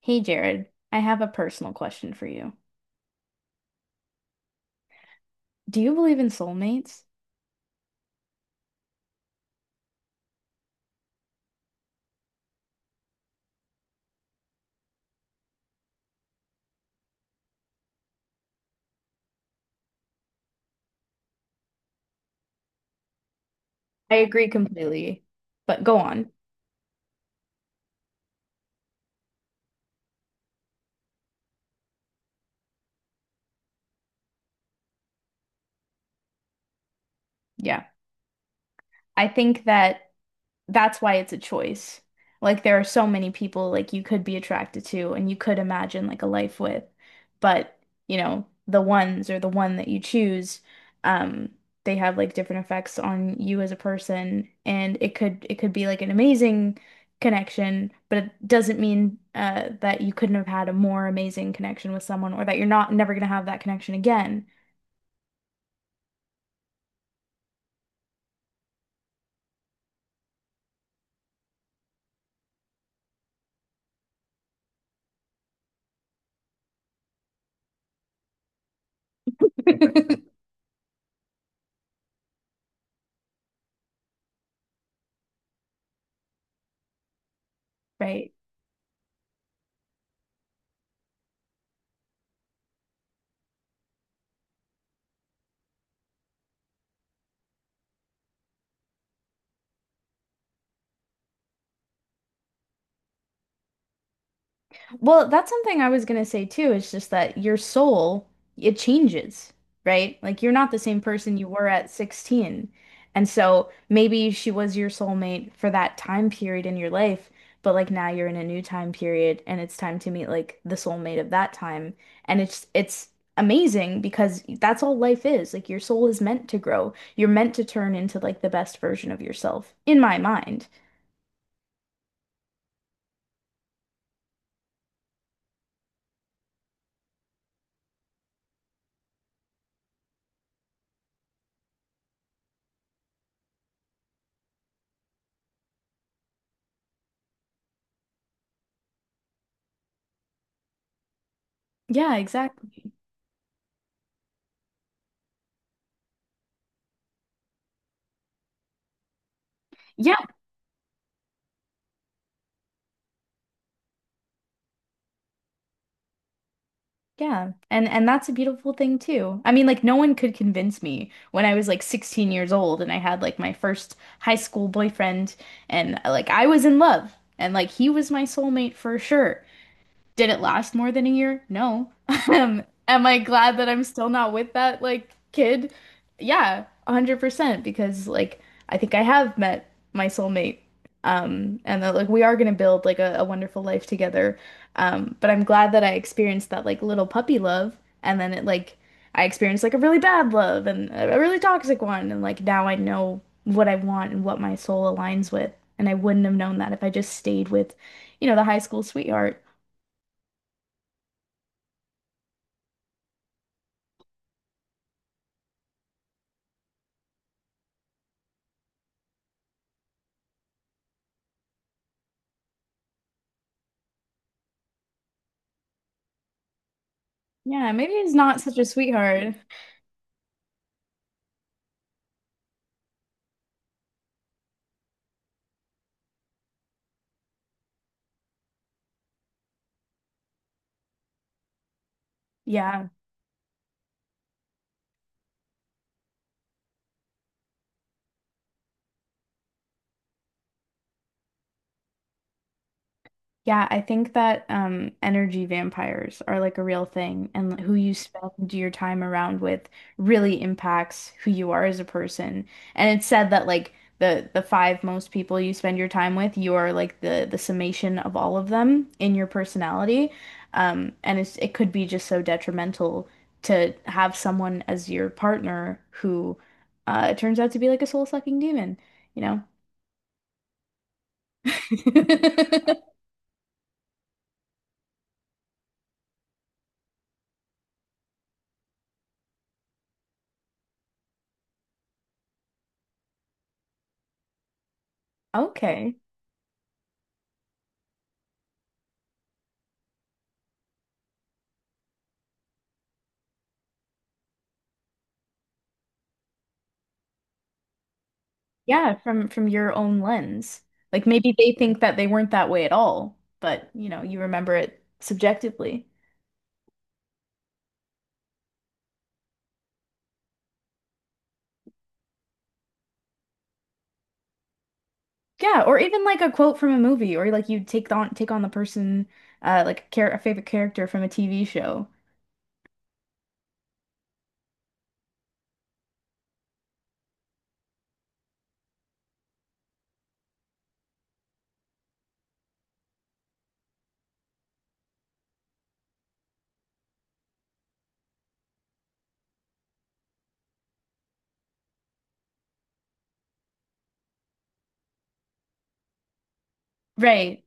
Hey Jared, I have a personal question for you. Do you believe in soulmates? I agree completely, but go on. Yeah. I think that that's why it's a choice. Like there are so many people like you could be attracted to and you could imagine like a life with, but you know, the ones or the one that you choose, um, they have like different effects on you as a person and it could be like an amazing connection, but it doesn't mean that you couldn't have had a more amazing connection with someone or that you're not never gonna have that connection again, right? Well, that's something I was gonna say too. It's just that your soul, it changes, right? Like you're not the same person you were at 16. And so maybe she was your soulmate for that time period in your life, but like now you're in a new time period and it's time to meet like the soulmate of that time. And it's amazing because that's all life is. Like your soul is meant to grow. You're meant to turn into like the best version of yourself, in my mind. Yeah, exactly. Yeah. Yeah. And that's a beautiful thing too. I mean, like no one could convince me when I was like 16 years old and I had like my first high school boyfriend and like I was in love and like he was my soulmate for sure. Did it last more than a year? No. Am I glad that I'm still not with that like kid? Yeah, 100% because like I think I have met my soulmate. And that like we are gonna build like a wonderful life together. But I'm glad that I experienced that like little puppy love and then it like I experienced like a really bad love and a really toxic one and like now I know what I want and what my soul aligns with. And I wouldn't have known that if I just stayed with, you know, the high school sweetheart. Yeah, maybe he's not such a sweetheart. Yeah. Yeah, I think that energy vampires are like a real thing and who you spend your time around with really impacts who you are as a person. And it's said that like the five most people you spend your time with, you are like the summation of all of them in your personality. And it's it could be just so detrimental to have someone as your partner who turns out to be like a soul-sucking demon, you know? Okay. Yeah, from your own lens. Like maybe they think that they weren't that way at all, but you know, you remember it subjectively. Yeah, or even like a quote from a movie, or like you take on the person, like a, char a favorite character from a TV show. Right.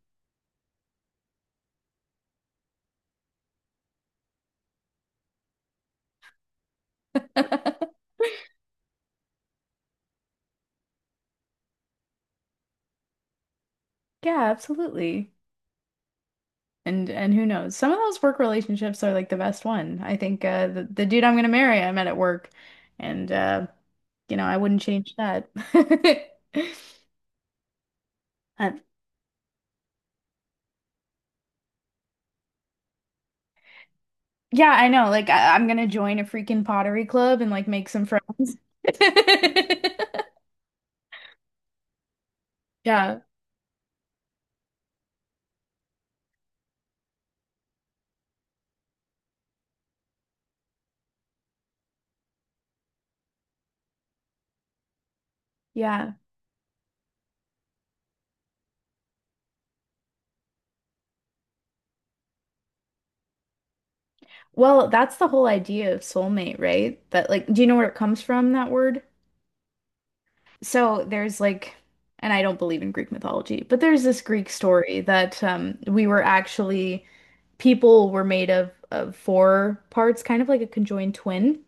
Yeah, absolutely. And who knows? Some of those work relationships are like the best one. I think the dude I'm gonna marry, I met at work, and you know, I wouldn't change that. Uh, Yeah, I know. Like I'm gonna join a freaking pottery club and like make some friends. Yeah. Yeah. Well, that's the whole idea of soulmate, right? That like, do you know where it comes from, that word? So there's like, and I don't believe in Greek mythology, but there's this Greek story that we were actually people were made of four parts, kind of like a conjoined twin.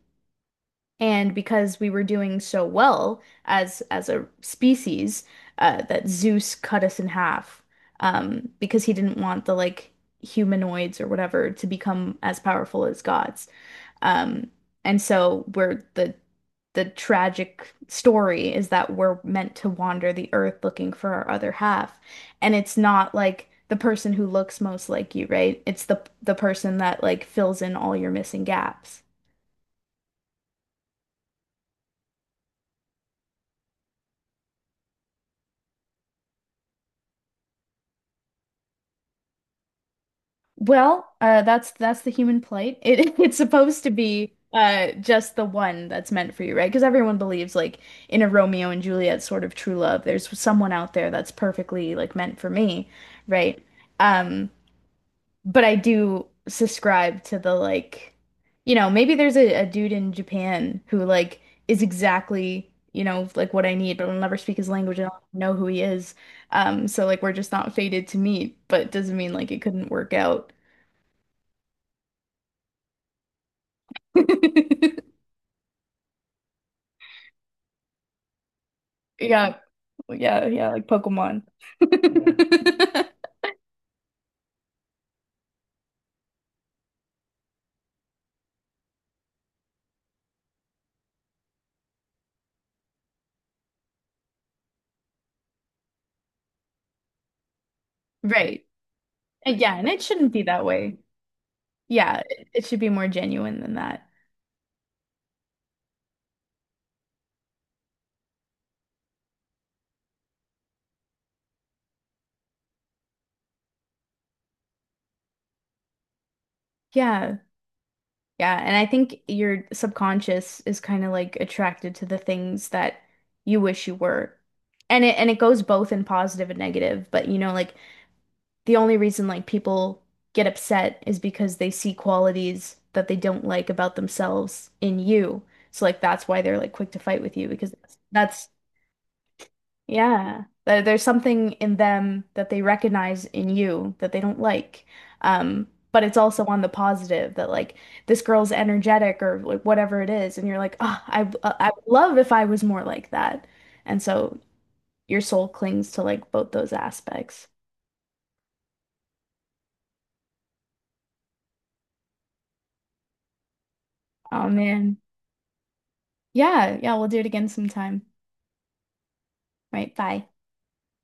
And because we were doing so well as a species, that Zeus cut us in half, because he didn't want the like humanoids or whatever to become as powerful as gods. Um, and so we're the tragic story is that we're meant to wander the earth looking for our other half. And it's not like the person who looks most like you, right? It's the person that like fills in all your missing gaps. Well, that's the human plight. It it's supposed to be just the one that's meant for you, right? Because everyone believes like in a Romeo and Juliet sort of true love, there's someone out there that's perfectly like meant for me, right? Um, but I do subscribe to the like, you know, maybe there's a dude in Japan who like is exactly, you know, like what I need, but I'll never speak his language and I'll know who he is. So like we're just not fated to meet, but it doesn't mean like it couldn't work out. Yeah, yeah, yeah, like Pokemon. Yeah. Right. Yeah, and it shouldn't be that way. Yeah, it should be more genuine than that. Yeah, yeah, and I think your subconscious is kind of like attracted to the things that you wish you were. And it goes both in positive and negative, but you know, like the only reason like people get upset is because they see qualities that they don't like about themselves in you. So like that's why they're like quick to fight with you because that's yeah. There- There's something in them that they recognize in you that they don't like. But it's also on the positive that like this girl's energetic or like whatever it is, and you're like, oh, I would love if I was more like that. And so your soul clings to like both those aspects. Oh man. Yeah, yeah, we'll do it again sometime. Right, bye.